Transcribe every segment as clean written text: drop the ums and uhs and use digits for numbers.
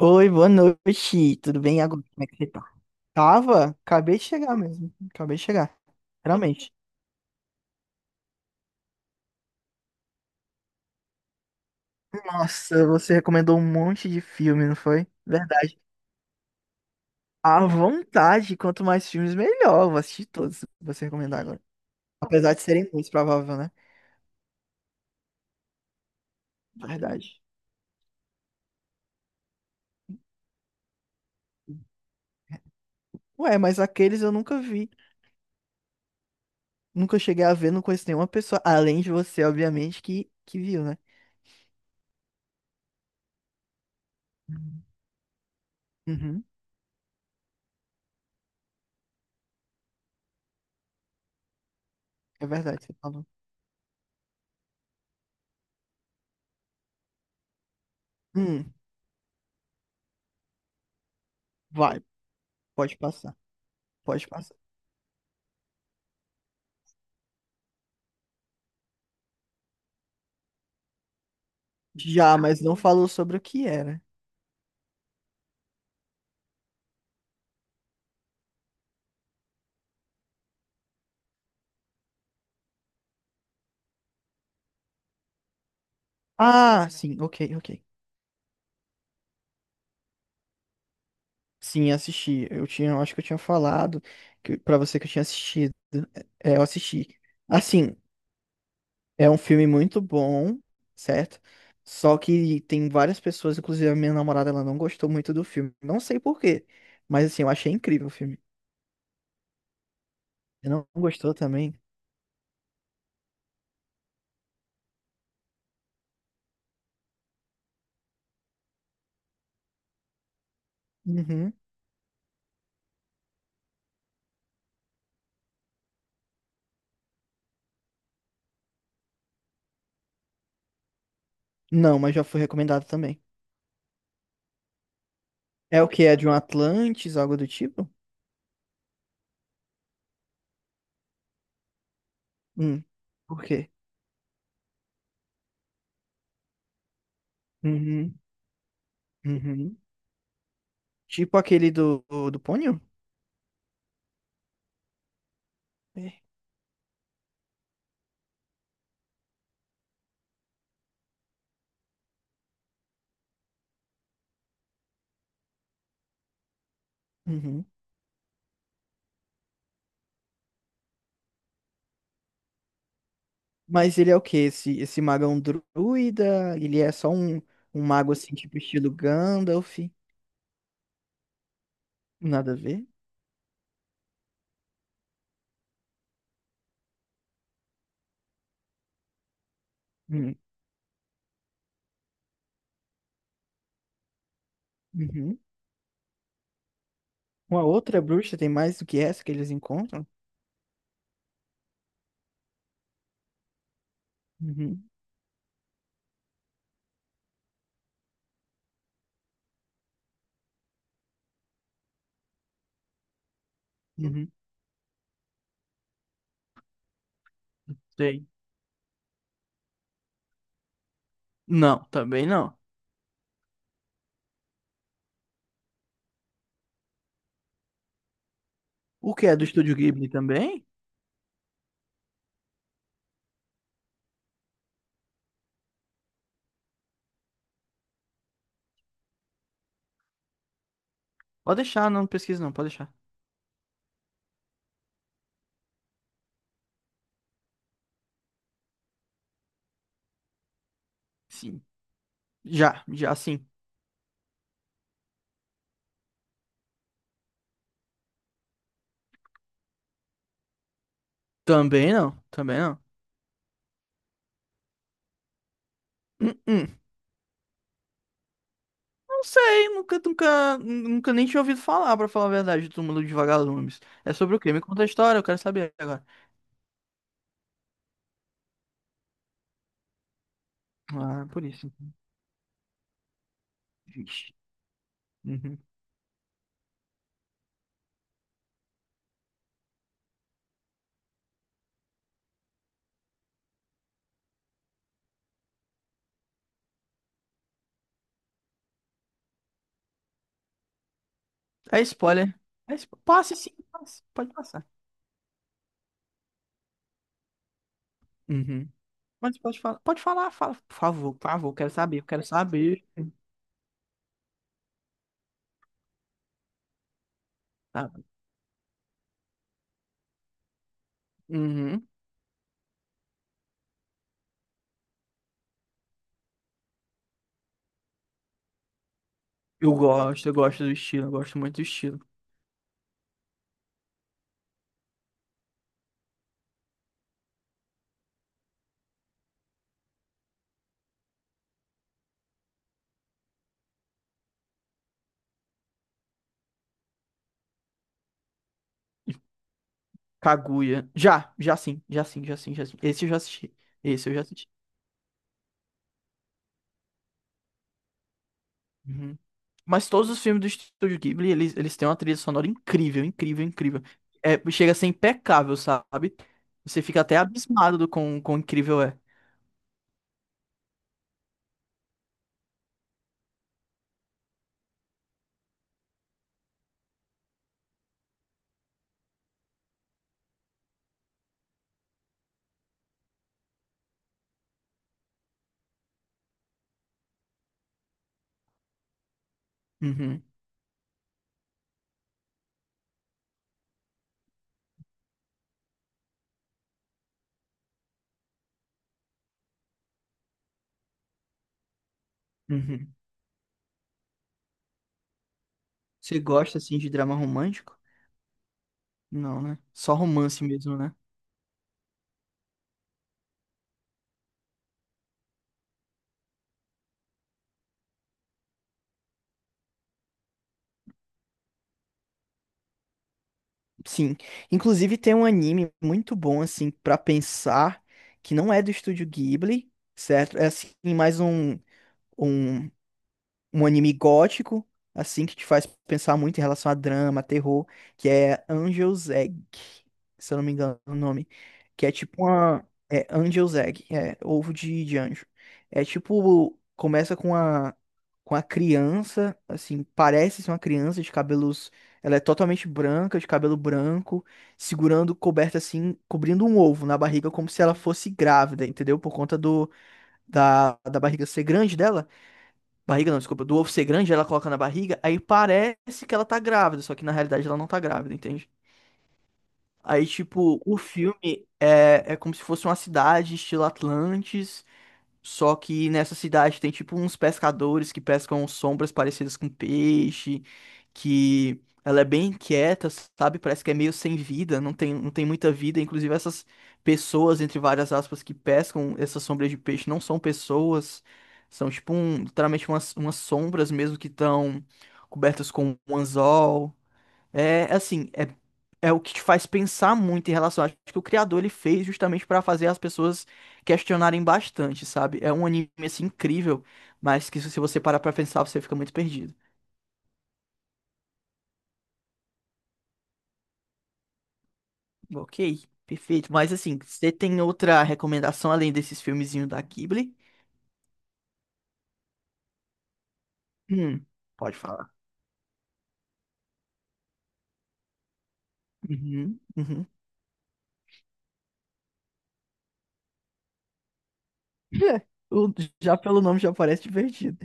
Oi, boa noite. Tudo bem? Agora como é que você tá? Tava? Acabei de chegar mesmo. Acabei de chegar. Realmente. Nossa, você recomendou um monte de filme, não foi? Verdade. À vontade, quanto mais filmes, melhor. Vou assistir todos que você recomendar agora. Apesar de serem muitos, provável, né? Verdade. Ué, mas aqueles eu nunca vi. Nunca cheguei a ver, não conheço nenhuma pessoa, além de você, obviamente, que viu, né? Uhum, é verdade, você falou. Hum, vai, pode passar. Pode passar. Já, mas não falou sobre o que era. Ah, sim, ok, ok. Sim, assisti. Eu tinha, eu acho que eu tinha falado pra você que eu tinha assistido. É, eu assisti. Assim, é um filme muito bom, certo? Só que tem várias pessoas, inclusive a minha namorada, ela não gostou muito do filme. Não sei por quê, mas assim, eu achei incrível o filme. Você não gostou também? Uhum. Não, mas já foi recomendado também. É o que? É de um Atlantis, algo do tipo? Hum, por quê? Uhum, uhum. Tipo aquele do Ponyo? É. Uhum. Mas ele é o quê? Esse mago é um druida? Ele é só um mago assim, tipo estilo Gandalf? Nada a ver? Uhum. Uhum. Uma outra bruxa tem mais do que essa que eles encontram? Uhum. Uhum. Sei. Não, também não. O que é do Estúdio Ghibli também? Pode deixar, não pesquisa não, pode deixar. Sim. Já, já sim. Também não, também não. Hum, hum. Não sei, nunca nem tinha ouvido falar, pra falar a verdade, do Túmulo dos Vagalumes. É sobre o quê? Me conta a história, eu quero saber agora. Ah, é por isso. Vixe. Uhum. É spoiler. É spo- Passe sim, passe. Pode passar. Uhum. Mas pode falar. Pode falar, fala. Por favor, quero saber, eu quero saber. Tá. Uhum. Eu gosto do estilo, eu gosto muito do estilo. Kaguya. Já, já sim, já sim, já sim, já sim. Esse eu já assisti. Esse eu já assisti. Uhum. Mas todos os filmes do Estúdio Ghibli, eles têm uma trilha sonora incrível, incrível, incrível. É, chega a ser impecável, sabe? Você fica até abismado do quão incrível é. Uhum, uhum. Você gosta, assim, de drama romântico? Não, né? Só romance mesmo, né? Sim. Inclusive tem um anime muito bom, assim, pra pensar, que não é do Estúdio Ghibli, certo? É, assim, mais um, um um anime gótico, assim, que te faz pensar muito em relação a drama, terror, que é Angel's Egg, se eu não me engano o nome, que é tipo uma... É Angel's Egg, é ovo de anjo. É tipo, começa com a criança, assim, parece ser uma criança de cabelos... Ela é totalmente branca, de cabelo branco, segurando, coberta assim, cobrindo um ovo na barriga, como se ela fosse grávida, entendeu? Por conta da barriga ser grande dela. Barriga não, desculpa. Do ovo ser grande, ela coloca na barriga, aí parece que ela tá grávida, só que na realidade ela não tá grávida, entende? Aí, tipo, o filme é como se fosse uma cidade, estilo Atlantis, só que nessa cidade tem tipo uns pescadores que pescam sombras parecidas com peixe, que ela é bem inquieta, sabe? Parece que é meio sem vida, não tem muita vida. Inclusive, essas pessoas, entre várias aspas, que pescam essas sombras de peixe não são pessoas, são tipo um, literalmente umas sombras mesmo que estão cobertas com um anzol. É assim, é, é o que te faz pensar muito em relação. Acho que o criador ele fez justamente pra fazer as pessoas questionarem bastante, sabe? É um anime assim incrível, mas que se você parar pra pensar, você fica muito perdido. Ok, perfeito. Mas assim, você tem outra recomendação além desses filmezinhos da Ghibli? Hum, Pode falar. Uhum, uhum. O- Já pelo nome já parece divertido.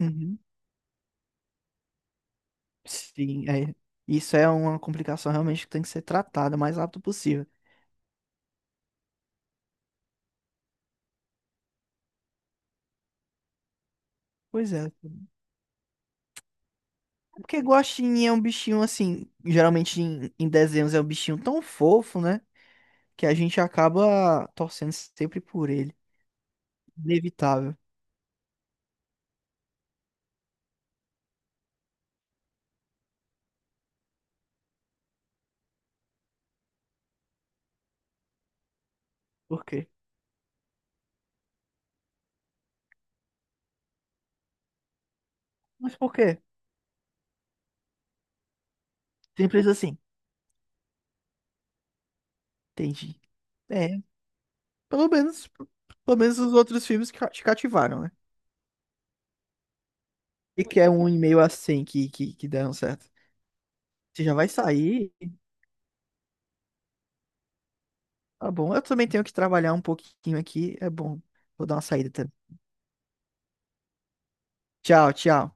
Uhum. Sim, é. Isso é uma complicação realmente que tem que ser tratada o mais rápido possível. Pois é. É. Porque guaxinim é um bichinho assim, geralmente em desenhos é um bichinho tão fofo, né? Que a gente acaba torcendo sempre por ele. Inevitável. Por quê? Mas por quê? Simples assim. Entendi. É, pelo menos, pelo menos os outros filmes ca- te cativaram, né? E que é um e meio assim que deram certo. Você já vai sair, tá bom. Eu também tenho que trabalhar um pouquinho aqui, é bom. Vou dar uma saída também. Tchau, tchau.